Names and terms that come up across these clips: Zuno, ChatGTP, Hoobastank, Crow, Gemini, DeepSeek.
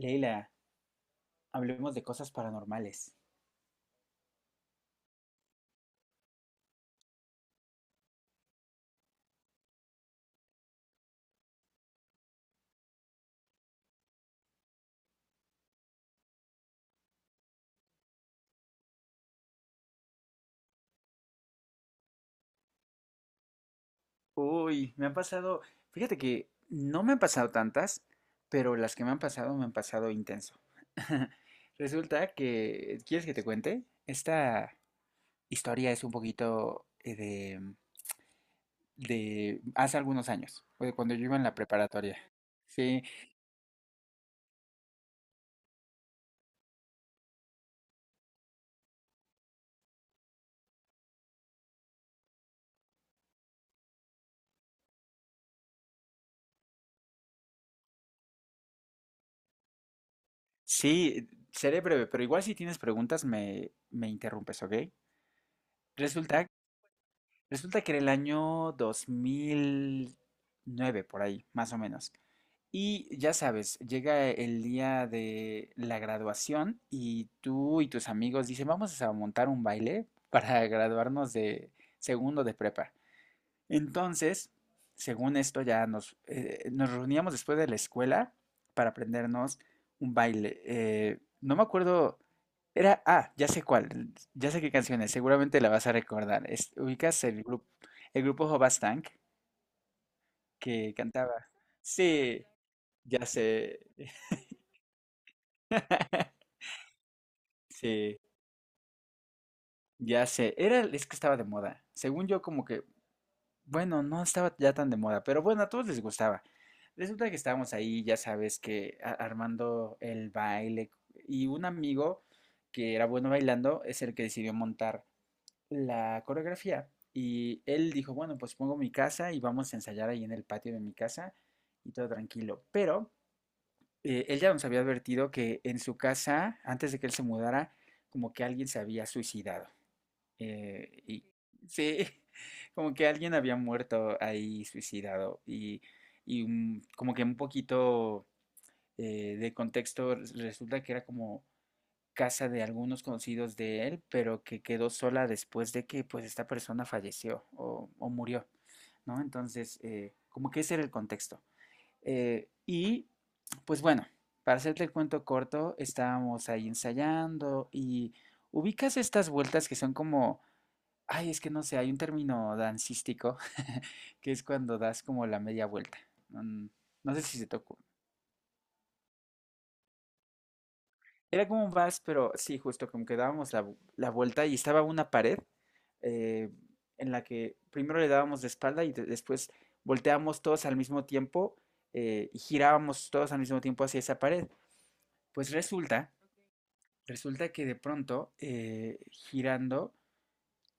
Leila, hablemos de cosas paranormales. Uy, me han pasado, fíjate que no me han pasado tantas, pero las que me han pasado intenso. Resulta que, ¿quieres que te cuente? Esta historia es un poquito de hace algunos años, o de cuando yo iba en la preparatoria. Sí, sí, seré breve, pero igual si tienes preguntas me interrumpes, ¿ok? Resulta Resulta que era el año 2009 por ahí, más o menos. Y ya sabes, llega el día de la graduación y tú y tus amigos dicen, vamos a montar un baile para graduarnos de segundo de prepa. Entonces, según esto, ya nos reuníamos después de la escuela para aprendernos un baile. No me acuerdo, ya sé cuál, ya sé qué canciones, seguramente la vas a recordar. Ubicas el grupo Hobastank que cantaba. Sí, ya sé. Sí, ya sé. Es que estaba de moda. Según yo, como que bueno, no estaba ya tan de moda, pero bueno, a todos les gustaba. Resulta que estábamos ahí, ya sabes, que armando el baile y un amigo que era bueno bailando es el que decidió montar la coreografía y él dijo, bueno, pues pongo mi casa y vamos a ensayar ahí en el patio de mi casa y todo tranquilo. Pero él ya nos había advertido que en su casa, antes de que él se mudara, como que alguien se había suicidado. Y sí, como que alguien había muerto ahí suicidado y como que un poquito de contexto resulta que era como casa de algunos conocidos de él, pero que quedó sola después de que pues esta persona falleció o murió, ¿no? Entonces, como que ese era el contexto. Y pues bueno, para hacerte el cuento corto, estábamos ahí ensayando y ubicas estas vueltas que son como, ay, es que no sé, hay un término dancístico que es cuando das como la media vuelta. Mm, No sé si se tocó. Era como un vals, pero sí, justo como que dábamos la vuelta y estaba una pared eh, en la que primero le dábamos de espalda y después volteábamos todos al mismo tiempo y girábamos todos al mismo tiempo hacia esa pared. Pues resulta que de pronto, girando,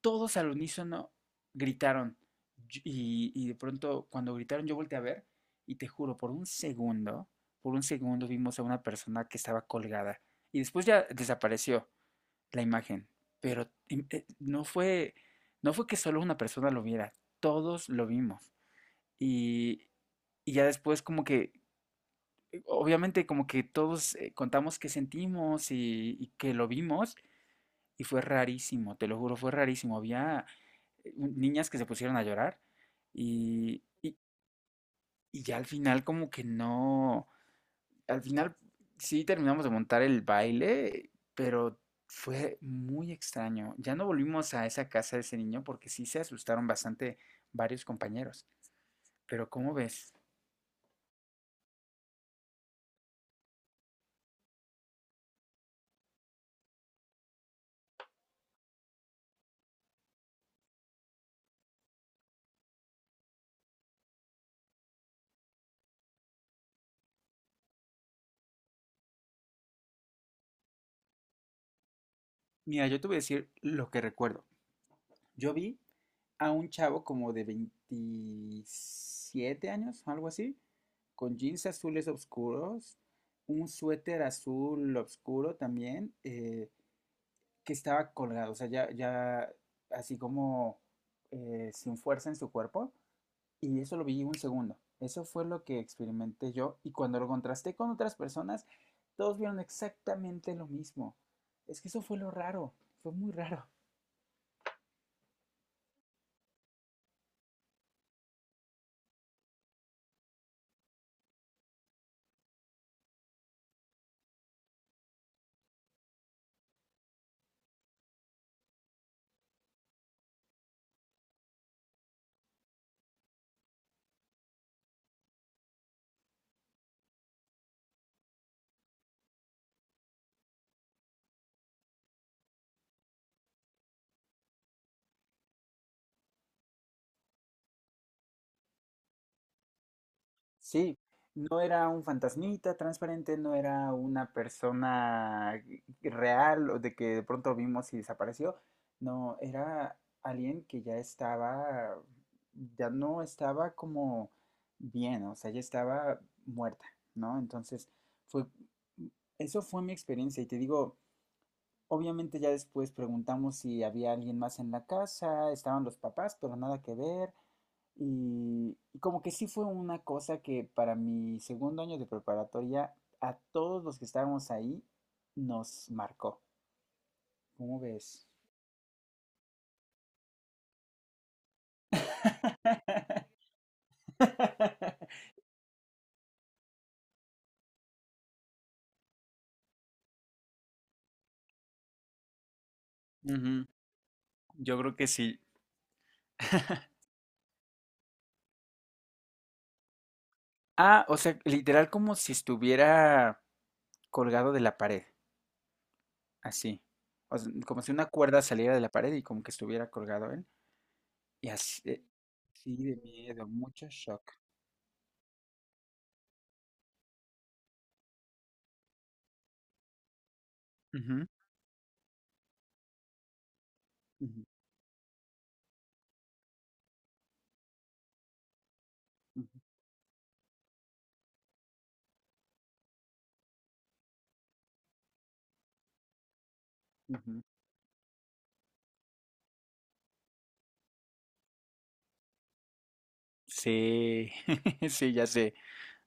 todos al unísono gritaron. Y de pronto, cuando gritaron, yo volteé a ver y te juro, por un segundo vimos a una persona que estaba colgada y después ya desapareció la imagen. Pero no fue que solo una persona lo viera, todos lo vimos. Y, y ya después como que, obviamente como que todos contamos qué sentimos y que lo vimos y fue rarísimo, te lo juro, fue rarísimo. Había niñas que se pusieron a llorar y, y, y ya, al final como que no, al final sí terminamos de montar el baile, pero fue muy extraño. Ya no volvimos a esa casa de ese niño porque sí se asustaron bastante varios compañeros. Pero ¿cómo ves? Mira, yo te voy a decir lo que recuerdo. Yo vi a un chavo como de 27 años, algo así, con jeans azules oscuros, un suéter azul oscuro también, que estaba colgado, o sea, ya así como sin fuerza en su cuerpo, y eso lo vi un segundo. Eso fue lo que experimenté yo, y cuando lo contrasté con otras personas, todos vieron exactamente lo mismo. Es que eso fue lo raro, fue muy raro. Sí, no era un fantasmita transparente, no era una persona real o de que de pronto vimos y desapareció. No, era alguien que ya no estaba como bien, o sea, ya estaba muerta, ¿no? Entonces, fue, mm, eso fue mi experiencia y te digo, obviamente ya después preguntamos si había alguien más en la casa, estaban los papás, pero nada que ver. Y como que sí fue una cosa que para mi segundo año de preparatoria, a todos los que estábamos ahí, nos marcó. ¿Cómo ves? Ujú, yo creo que sí. Ah, o sea, literal como si estuviera colgado de la pared, así. O sea, como si una cuerda saliera de la pared y como que estuviera colgado él. Y así, sí, de miedo, mucho shock. Ujú, ujú, ujú, ujú. Sí, sí, ya sé.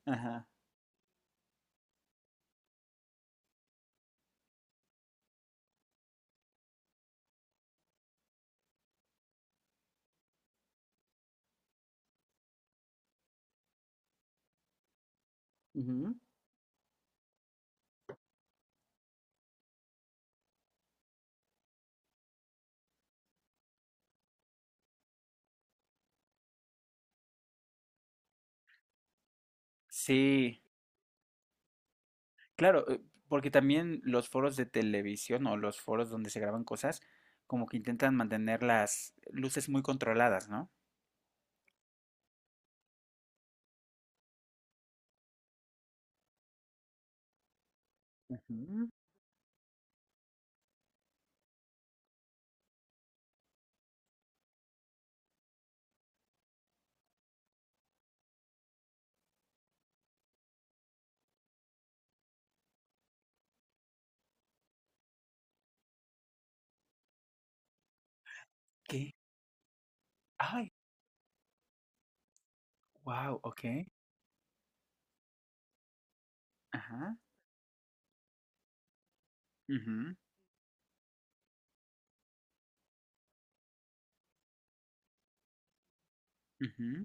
Ajá. Ujú. Sí, claro, porque también los foros de televisión o los foros donde se graban cosas, como que intentan mantener las luces muy controladas, ¿no? Ujú. ¿Qué? Ay, wow, ok. Ajá. Ujú, ujú.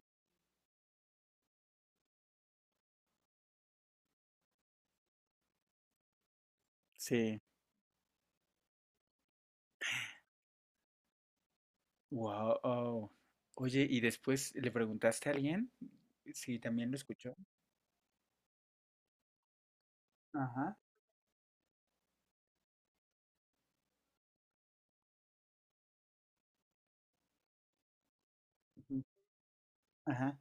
Sí. Wow. Oye, ¿y después le preguntaste a alguien si también lo escuchó? Ajá. Ujú. Ajá.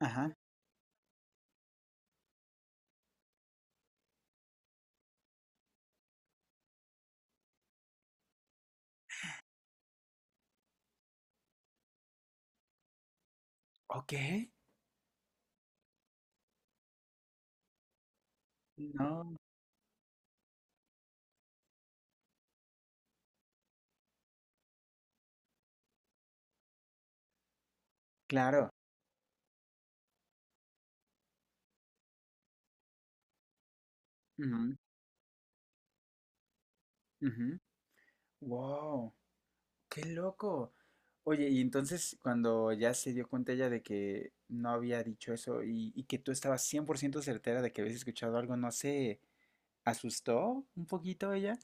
Ajá. Ok. No, claro. Ujú, ujú. Wow. ¡Qué loco! Oye, y entonces cuando ya se dio cuenta ella de que no había dicho eso y que tú estabas 100% certera de que habías escuchado algo, ¿no se asustó un poquito ella?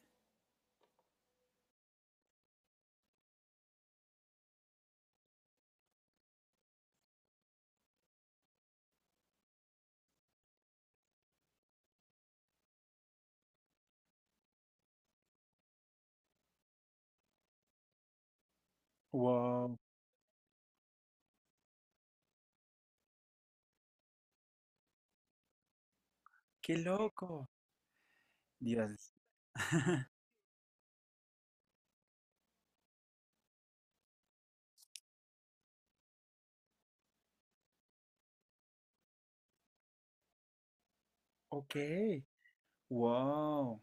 ¡Wow! ¡Qué loco! Dios, ok, wow.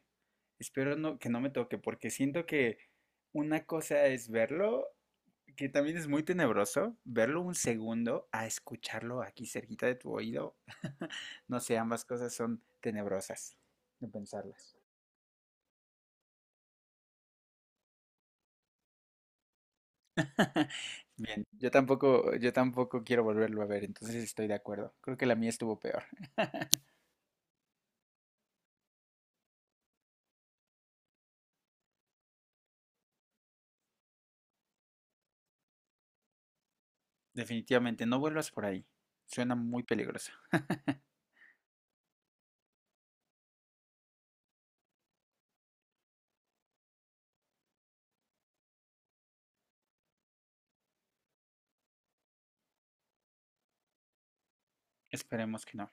Espero no, que no me toque, porque siento que una cosa es verlo, que también es muy tenebroso, verlo un segundo a escucharlo aquí cerquita de tu oído. No sé, ambas cosas son tenebrosas de pensarlas. Bien, yo tampoco quiero volverlo a ver, entonces estoy de acuerdo. Creo que la mía estuvo peor. Definitivamente, no vuelvas por ahí. Suena muy peligroso. Esperemos que no.